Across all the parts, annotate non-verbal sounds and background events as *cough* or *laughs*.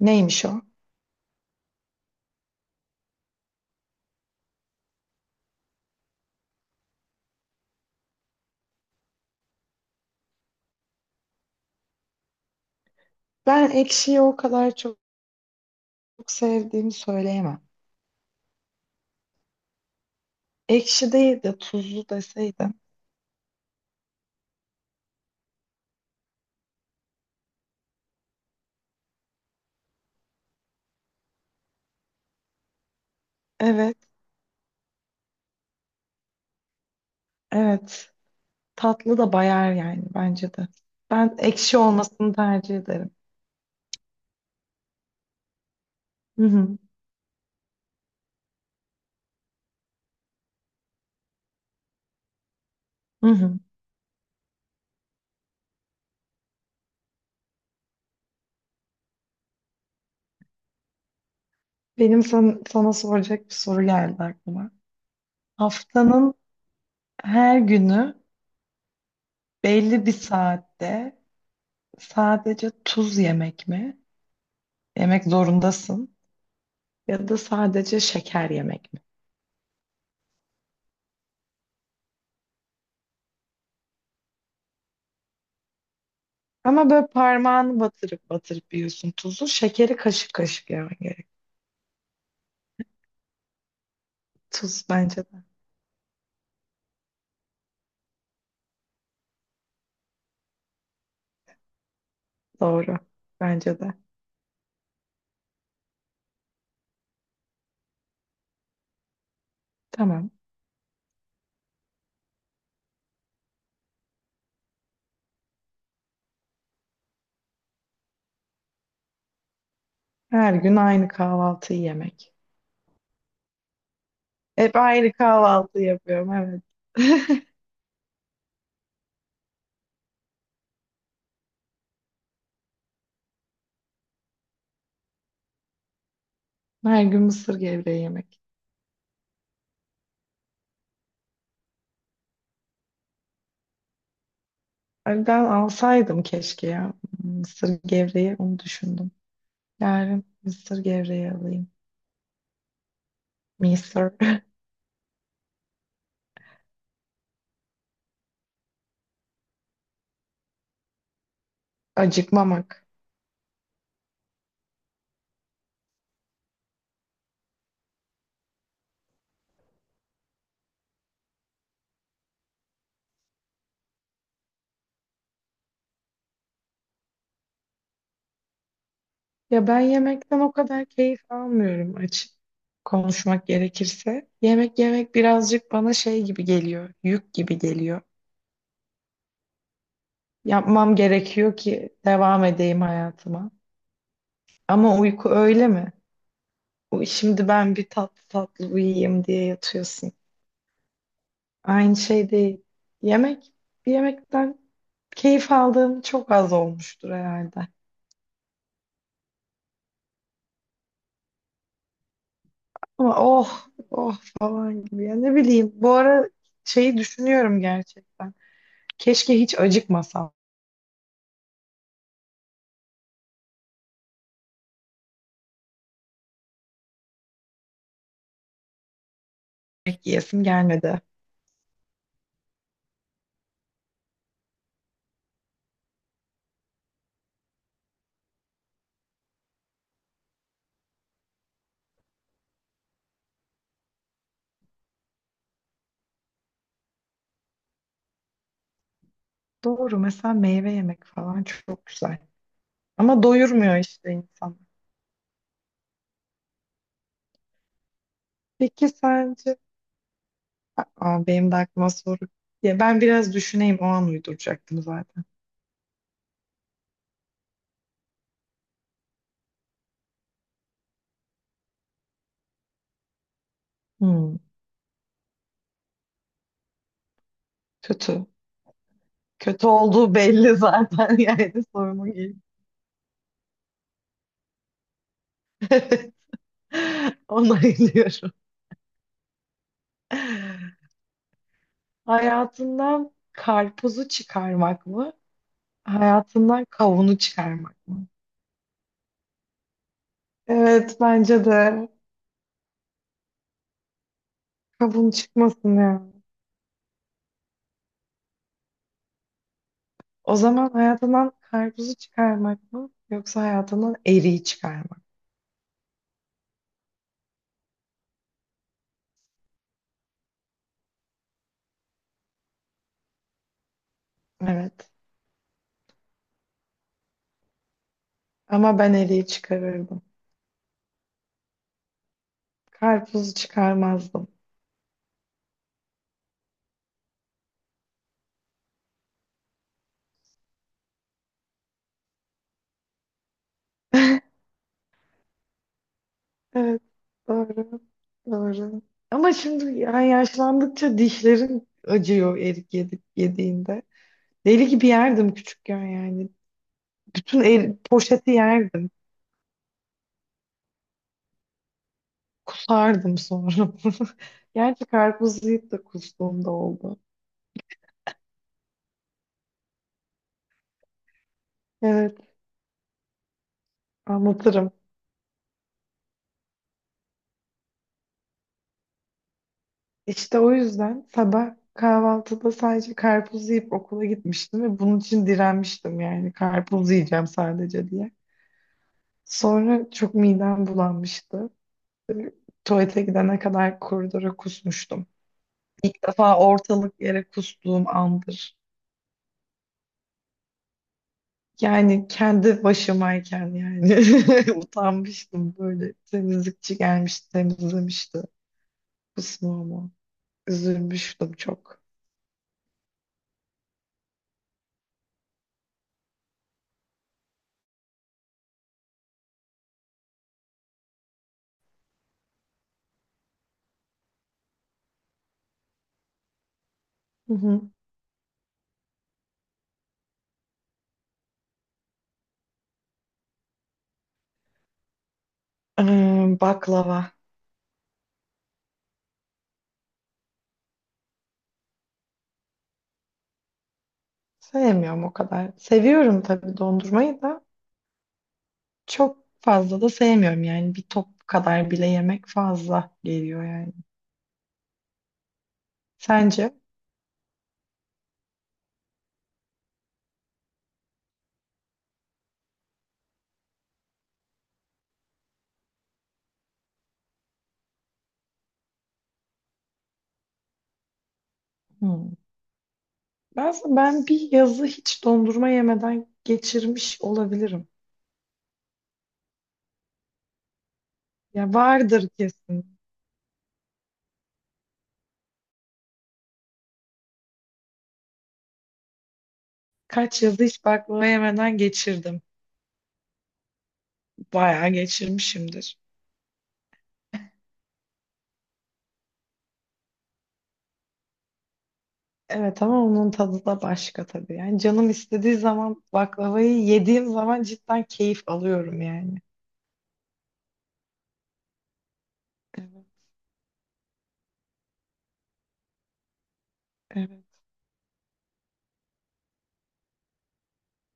Neymiş o? Ben ekşiyi o kadar çok sevdiğimi söyleyemem. Ekşi değil de tuzlu deseydim. Evet, evet. Tatlı da bayar yani bence de. Ben ekşi olmasını tercih ederim. Hı hı, hı hı. Sana soracak bir soru geldi aklıma. Haftanın her günü belli bir saatte sadece tuz yemek mi? Yemek zorundasın. Ya da sadece şeker yemek mi? Ama böyle parmağını batırıp batırıp yiyorsun tuzu. Şekeri kaşık kaşık yemen gerek. Tuz bence de. Doğru. Bence de. Tamam. Her gün aynı kahvaltıyı yemek. Hep aynı kahvaltı yapıyorum evet. *laughs* Her gün mısır gevreği yemek. Ay, ben alsaydım keşke ya. Mısır gevreği onu düşündüm. Yarın mısır gevreği alayım. Mısır. *laughs* Acıkmamak. Ya ben yemekten o kadar keyif almıyorum açık konuşmak gerekirse. Yemek yemek birazcık bana şey gibi geliyor, yük gibi geliyor. Yapmam gerekiyor ki devam edeyim hayatıma. Ama uyku öyle mi? Şimdi ben bir tatlı tatlı uyuyayım diye yatıyorsun. Aynı şey değil. Yemek, yemekten keyif aldığım çok az olmuştur herhalde. Ama oh, oh falan gibi ya ne bileyim. Bu ara şeyi düşünüyorum gerçekten. Keşke hiç acıkmasam. Yemek yiyesim gelmedi. Doğru, mesela meyve yemek falan çok güzel. Ama doyurmuyor işte insan. Peki sence? Aa, benim de aklıma soru. Ya ben biraz düşüneyim, o an uyduracaktım zaten. Hmm, kötü. Kötü olduğu belli zaten, *laughs* yani sorumun ilk. *laughs* Onaylıyorum. Hayatından karpuzu çıkarmak mı? Hayatından kavunu çıkarmak mı? Evet bence de. Kabuğun çıkmasın ya. O zaman hayatından karpuzu çıkarmak mı yoksa hayatından eriği çıkarmak mı? Evet. Ama ben eriği çıkarırdım. Karpuzu çıkarmazdım. *laughs* Evet. Doğru. Doğru. Ama şimdi yani yaşlandıkça dişlerim acıyor erik yedik yediğinde. Deli gibi yerdim küçükken yani. Bütün el, poşeti yerdim. Kusardım sonra. *laughs* Gerçi karpuz yiyip de kustuğum da oldu. Evet, anlatırım. İşte o yüzden sabah kahvaltıda sadece karpuz yiyip okula gitmiştim ve bunun için direnmiştim yani karpuz yiyeceğim sadece diye. Sonra çok midem bulanmıştı. Ee, Tuvalete gidene kadar koridora kusmuştum. İlk defa ortalık yere kustuğum andır. Yani kendi başımayken yani *laughs* utanmıştım böyle. Temizlikçi gelmişti, temizlemişti kusmuğumu. Üzülmüştüm çok. Hı hı. Baklava. Sevmiyorum o kadar. Seviyorum tabii dondurmayı da, çok fazla da sevmiyorum yani, bir top kadar bile yemek fazla geliyor yani. Sence? Hmm. Ben bir yazı hiç dondurma yemeden geçirmiş olabilirim. Ya vardır kesin. Kaç yazı hiç baklava yemeden geçirdim. Bayağı geçirmişimdir. Evet ama onun tadı da başka tabii. Yani canım istediği zaman baklavayı yediğim zaman cidden keyif alıyorum yani. Evet, evet.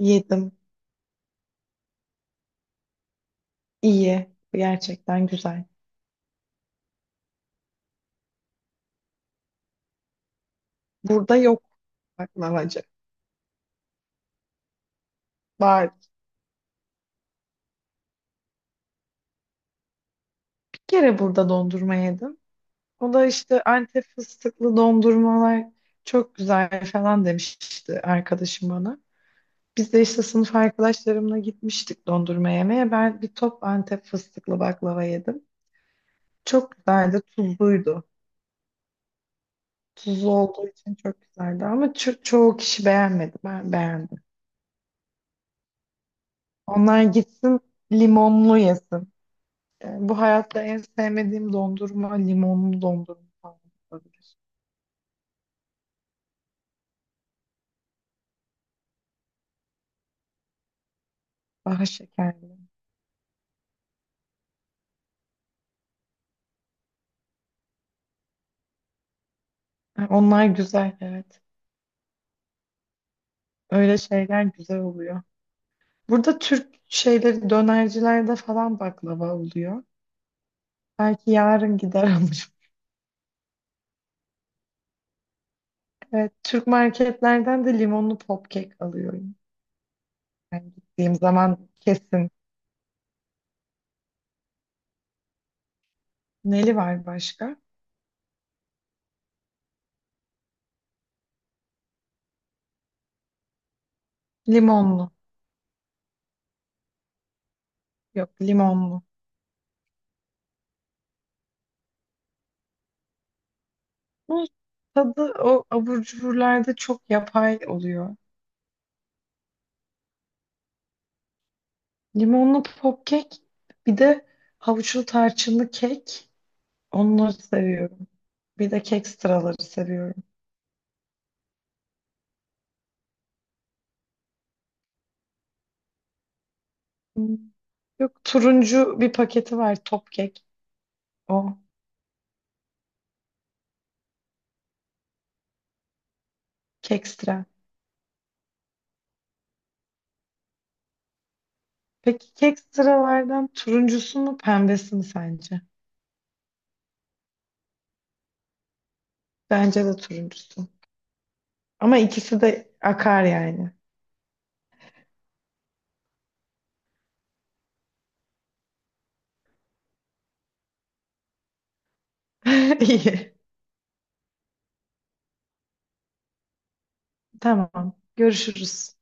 Yedim. İyi. Gerçekten güzel. Burada yok baklavacı. Var. Bir kere burada dondurma yedim. O da işte Antep fıstıklı dondurmalar çok güzel falan demişti arkadaşım bana. Biz de işte sınıf arkadaşlarımla gitmiştik dondurma yemeye. Ben bir top Antep fıstıklı baklava yedim. Çok güzeldi, tuzluydu. Tuzlu olduğu için çok güzeldi ama çoğu kişi beğenmedi. Ben beğendim. Onlar gitsin limonlu yesin. Bu hayatta en sevmediğim dondurma limonlu dondurma falan olabilir. Daha şekerli. Onlar güzel evet. Öyle şeyler güzel oluyor. Burada Türk şeyleri dönercilerde falan baklava oluyor. Belki yarın gider alırım. *laughs* Evet, Türk marketlerden de limonlu popkek alıyorum. Yani gittiğim zaman kesin. Neli var başka? Limonlu. Yok limonlu. Bu tadı o abur cuburlarda çok yapay oluyor. Limonlu popkek, bir de havuçlu tarçınlı kek. Onları seviyorum. Bir de kek sıraları seviyorum. Hmm. Yok, turuncu bir paketi var top kek. O kek sıra. Peki kek sıralardan turuncusu mu pembesi mi sence? Bence de turuncusu. Ama ikisi de akar yani. *laughs* İyi. Tamam. Görüşürüz.